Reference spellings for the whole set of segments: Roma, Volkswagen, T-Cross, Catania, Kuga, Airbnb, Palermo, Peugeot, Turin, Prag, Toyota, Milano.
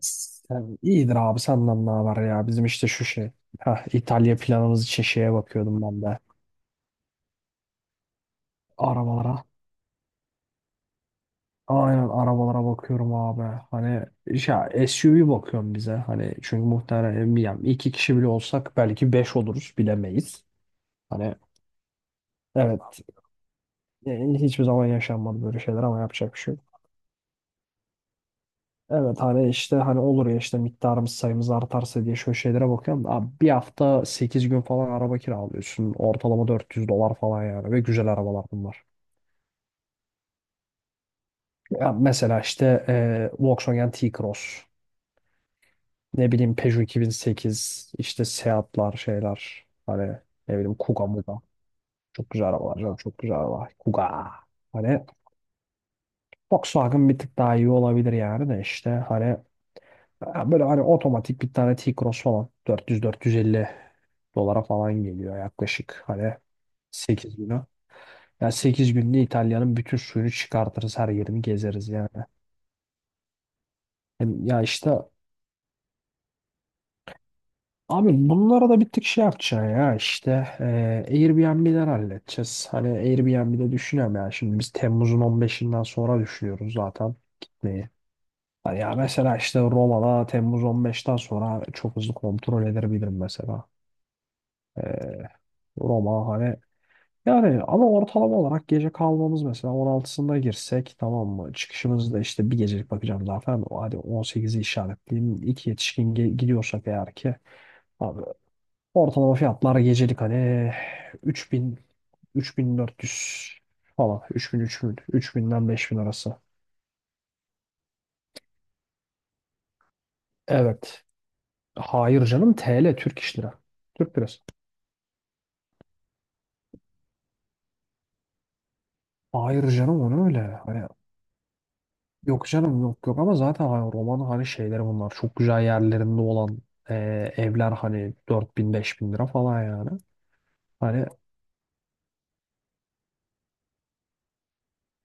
İyidir abi. Senden ne var ya? Bizim işte şu şey. İtalya planımız için şeye bakıyordum ben de. Arabalara. Aynen arabalara bakıyorum abi. Hani ya SUV bakıyorum bize. Hani, çünkü muhtemelen bilmiyorum, iki kişi bile olsak belki beş oluruz, bilemeyiz. Hani, evet, hiçbir zaman yaşanmadı böyle şeyler, ama yapacak bir şey. Evet, hani işte hani olur ya, işte miktarımız, sayımız artarsa diye şöyle şeylere bakıyorum. Abi, bir hafta 8 gün falan araba kiralıyorsun. Ortalama 400 dolar falan yani, ve güzel arabalar bunlar. Ya mesela işte, Volkswagen T-Cross, ne bileyim Peugeot 2008, işte Seat'lar, şeyler hani, ne bileyim Kuga Muga. Çok güzel arabalar canım, çok güzel arabalar. Kuga. Hani, Volkswagen bir tık daha iyi olabilir yani, de işte hani, ha, böyle hani otomatik bir tane T-Cross falan 450 dolara falan geliyor yaklaşık. Hani, 8 günü. Yani, 8 günde İtalya'nın bütün suyunu çıkartırız. Her yerini gezeriz yani. Ya işte, abi bunlara da bir tık şey yapacaksın ya işte, e, Airbnb'den halledeceğiz. Hani, Airbnb'de düşünüyorum ya. Şimdi biz Temmuz'un 15'inden sonra düşünüyoruz zaten gitmeyi. Hani, ya mesela işte Roma'da Temmuz 15'ten sonra çok hızlı kontrol edebilirim mesela. E, Roma hani. Yani ama, ortalama olarak gece kalmamız mesela 16'sında girsek, tamam mı? Çıkışımızda işte bir gecelik bakacağım zaten. Hadi 18'i işaretleyeyim. İki yetişkin gidiyorsak eğer ki, abi, ortalama fiyatlar gecelik hani 3000, 3400 falan. 3000'den 5000 arası. Evet. Hayır canım, TL, Türk iş lira. Türk lirası. Hayır canım, onu öyle. Hani, yok canım, yok yok, ama zaten hani roman hani şeyleri, bunlar çok güzel yerlerinde olan, e, evler hani, 4000 bin lira falan yani. Hani,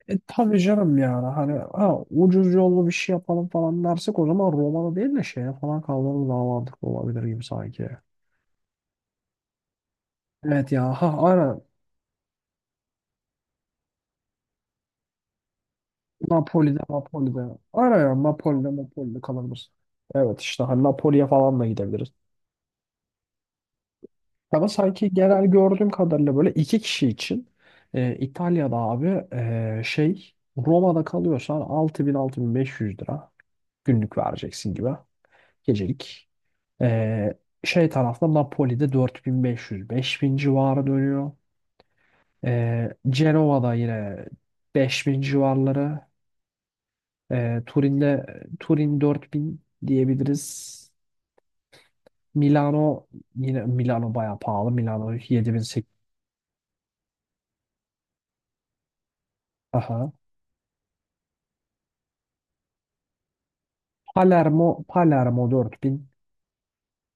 tabii canım yani, hani, ucuz yollu bir şey yapalım falan dersek, o zaman romanı değil de şeye falan kaldırırız, daha mantıklı olabilir gibi sanki. Evet ya, ha, aynen. Napoli'de. Aynen ya, Napoli'de kalırız. Evet işte hani, Napoli'ye falan da gidebiliriz. Ama sanki, genel gördüğüm kadarıyla böyle iki kişi için, İtalya'da abi, şey, Roma'da kalıyorsan 6000-6500 lira günlük vereceksin gibi, gecelik. E, Şey tarafta, Napoli'de 4500 bin civarı dönüyor. Cenova'da yine 5000 civarları. E, Turin'de Turin 4000 diyebiliriz. Milano, yine Milano bayağı pahalı. Milano 7000. Aha. Palermo 4000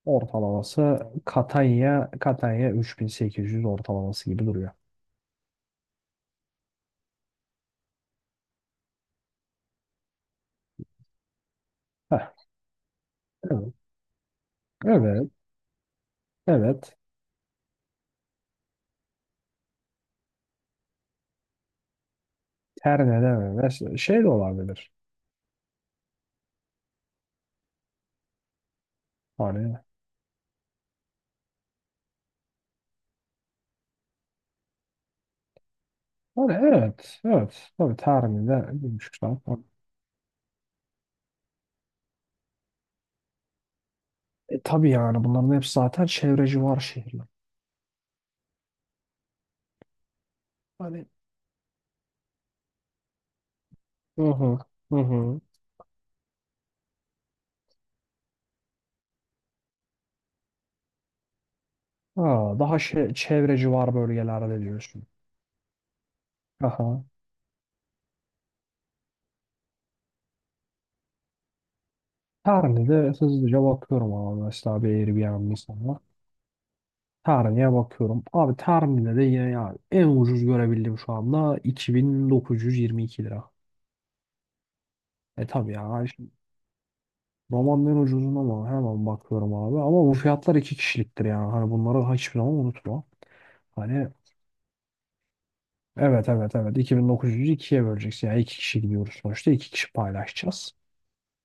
ortalaması. Catania 3800 ortalaması gibi duruyor. Heh, evet evet evet, Terne'de mi? Mesela şey de olabilir. Hani hani, evet evet, tabii, Terne'de gümüşler. Tabii yani, bunların hepsi zaten çevre civar şehirler. Hani, hı hı. hı hı. Ha, Daha şey, çevre civar bölgelerde diyorsun. Aha. Terne'de hızlıca bakıyorum, ama mesela bir Airbnb sana. Termi'ye bakıyorum. Abi Termi'de de yine ya, en ucuz görebildiğim şu anda 2922 lira. E tabi ya. Şimdi romanın en ucuzuna ama hemen bakıyorum abi. Ama bu fiyatlar iki kişiliktir yani. Hani bunları hiçbir zaman unutma. Hani, evet evet evet, 2900'ü ikiye böleceksin. Yani iki kişi gidiyoruz sonuçta. İki kişi paylaşacağız.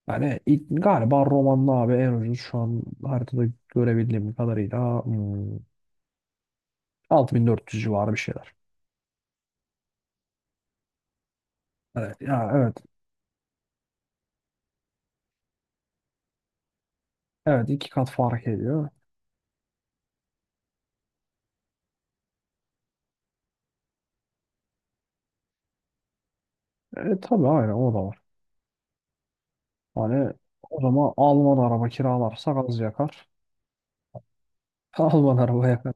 Yani ilk, galiba romanın abi en ucuz şu an haritada görebildiğim kadarıyla, 6400 civarı bir şeyler. Evet ya, evet. Evet, iki kat fark ediyor. E tabii, aynen, o da var. Hani o zaman Alman araba kiralarsak az yakar. Alman araba yakar.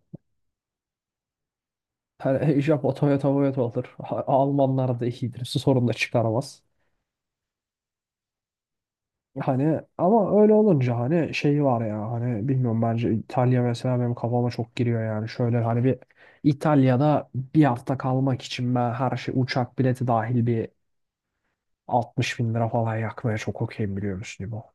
Hani, Japon Toyota. Olur. Almanlar da iyidir. Su sorun da çıkaramaz. Hani ama öyle olunca hani, şeyi var ya, hani bilmiyorum, bence İtalya mesela benim kafama çok giriyor yani. Şöyle hani, bir İtalya'da bir hafta kalmak için ben, her şey, uçak bileti dahil, bir 60.000 lira falan yakmaya çok okeyim, biliyor musun İbo?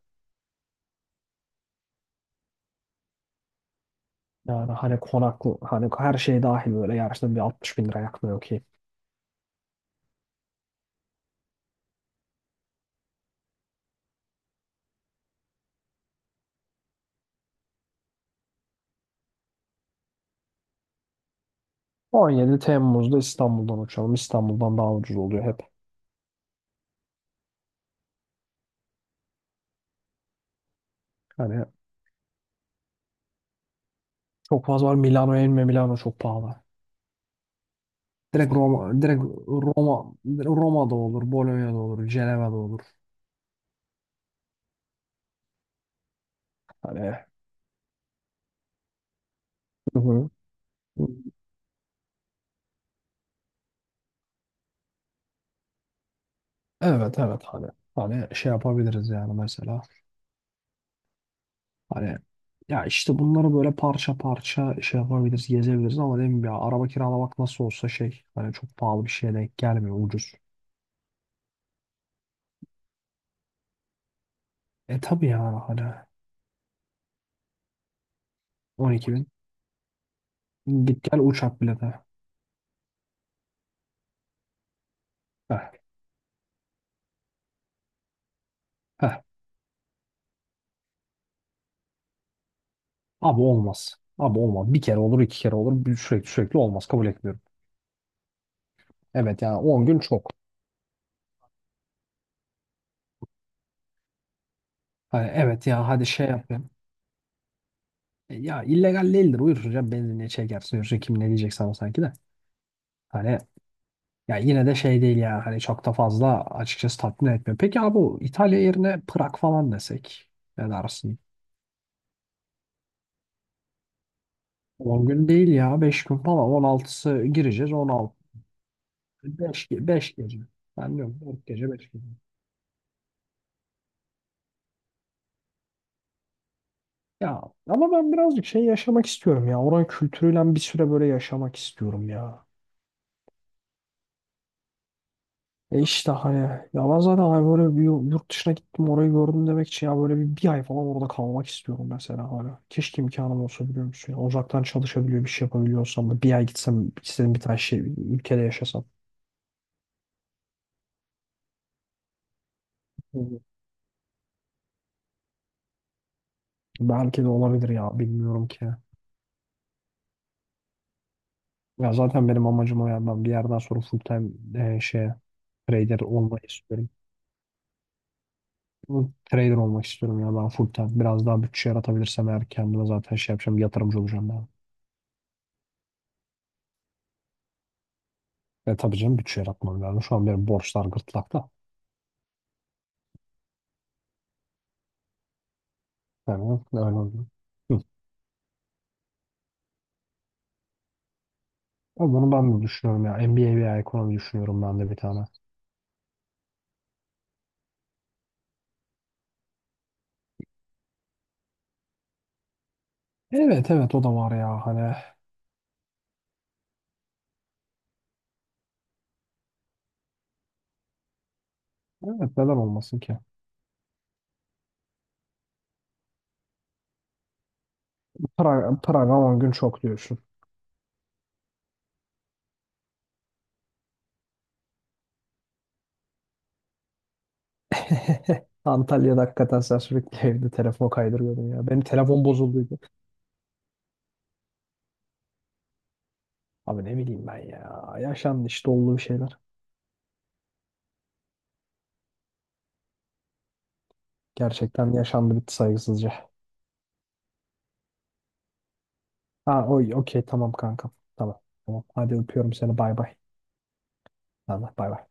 Yani hani konaklı, hani her şey dahil böyle, yarışta bir 60.000 lira yakmaya okey. 17 Temmuz'da İstanbul'dan uçalım. İstanbul'dan daha ucuz oluyor hep. Hani çok fazla var. Milano'ya inme. Milano çok pahalı. Direkt Roma, Roma, Roma'da olur, Bologna'da olur, Ceneva'da olur. Hani, hı hı. Evet evet, hani, şey yapabiliriz yani mesela. Hani ya işte, bunları böyle parça parça şey yapabiliriz, gezebiliriz ama, değil mi ya, araba kiralamak nasıl olsa şey, hani çok pahalı bir şeye denk gelmiyor, ucuz. E tabii yani hani, 12.000 git gel uçak bileti. Heh, heh. Abi olmaz. Abi olmaz. Bir kere olur, iki kere olur. Sürekli olmaz. Kabul etmiyorum. Evet yani 10 gün çok. Hani evet, ya hadi şey yapayım. Ya illegal değildir. Uyursun canım. Benzinliğe çekersin. Yürürsün. Kim ne diyecek sana sanki de? Hani ya yine de şey değil ya. Hani çok da fazla açıkçası tatmin etmiyor. Peki abi, bu İtalya yerine Prag falan desek. Ne dersin? 10 gün değil ya. 5 gün falan. 16'sı gireceğiz. 16. 5 gece. Ben diyorum 4 gece 5 gece. Ya ama ben birazcık şey yaşamak istiyorum ya. Oranın kültürüyle bir süre böyle yaşamak istiyorum ya. E işte hani ya, ben zaten hani böyle bir yurt dışına gittim orayı gördüm demek için ya, böyle bir ay falan orada kalmak istiyorum mesela, hala. Keşke imkanım olsa, biliyor musun? Ya, uzaktan çalışabiliyor bir şey yapabiliyorsam da, bir ay gitsem istediğim bir tane şey ülkede yaşasam. Hı hı. Belki de olabilir ya, bilmiyorum ki. Ya zaten benim amacım o ya, ben bir yerden sonra full time, şeye, trader olmayı istiyorum. Bu, Trader olmak istiyorum ya ben, full time. Biraz daha bütçe yaratabilirsem eğer kendime, zaten şey yapacağım, yatırımcı olacağım ben. Ve tabii canım, bütçe yaratmam lazım. Şu an benim borçlar gırtlakta. Yani öyle oldu. Hı. Ama bunu ben de düşünüyorum ya. MBA veya ekonomi düşünüyorum ben de bir tane. Evet evet, o da var ya hani. Evet, neden olmasın ki? Praga on gün çok diyorsun. Antalya'da hakikaten sen sürekli evde telefon kaydırıyordun ya. Benim telefon bozulduydu. Abi ne bileyim ben ya. Yaşandı işte, olduğu şeyler. Gerçekten yaşandı bitti saygısızca. Ha Okey, tamam kanka. Tamam. Tamam. Hadi öpüyorum seni. Bay bay. Allah bay bay.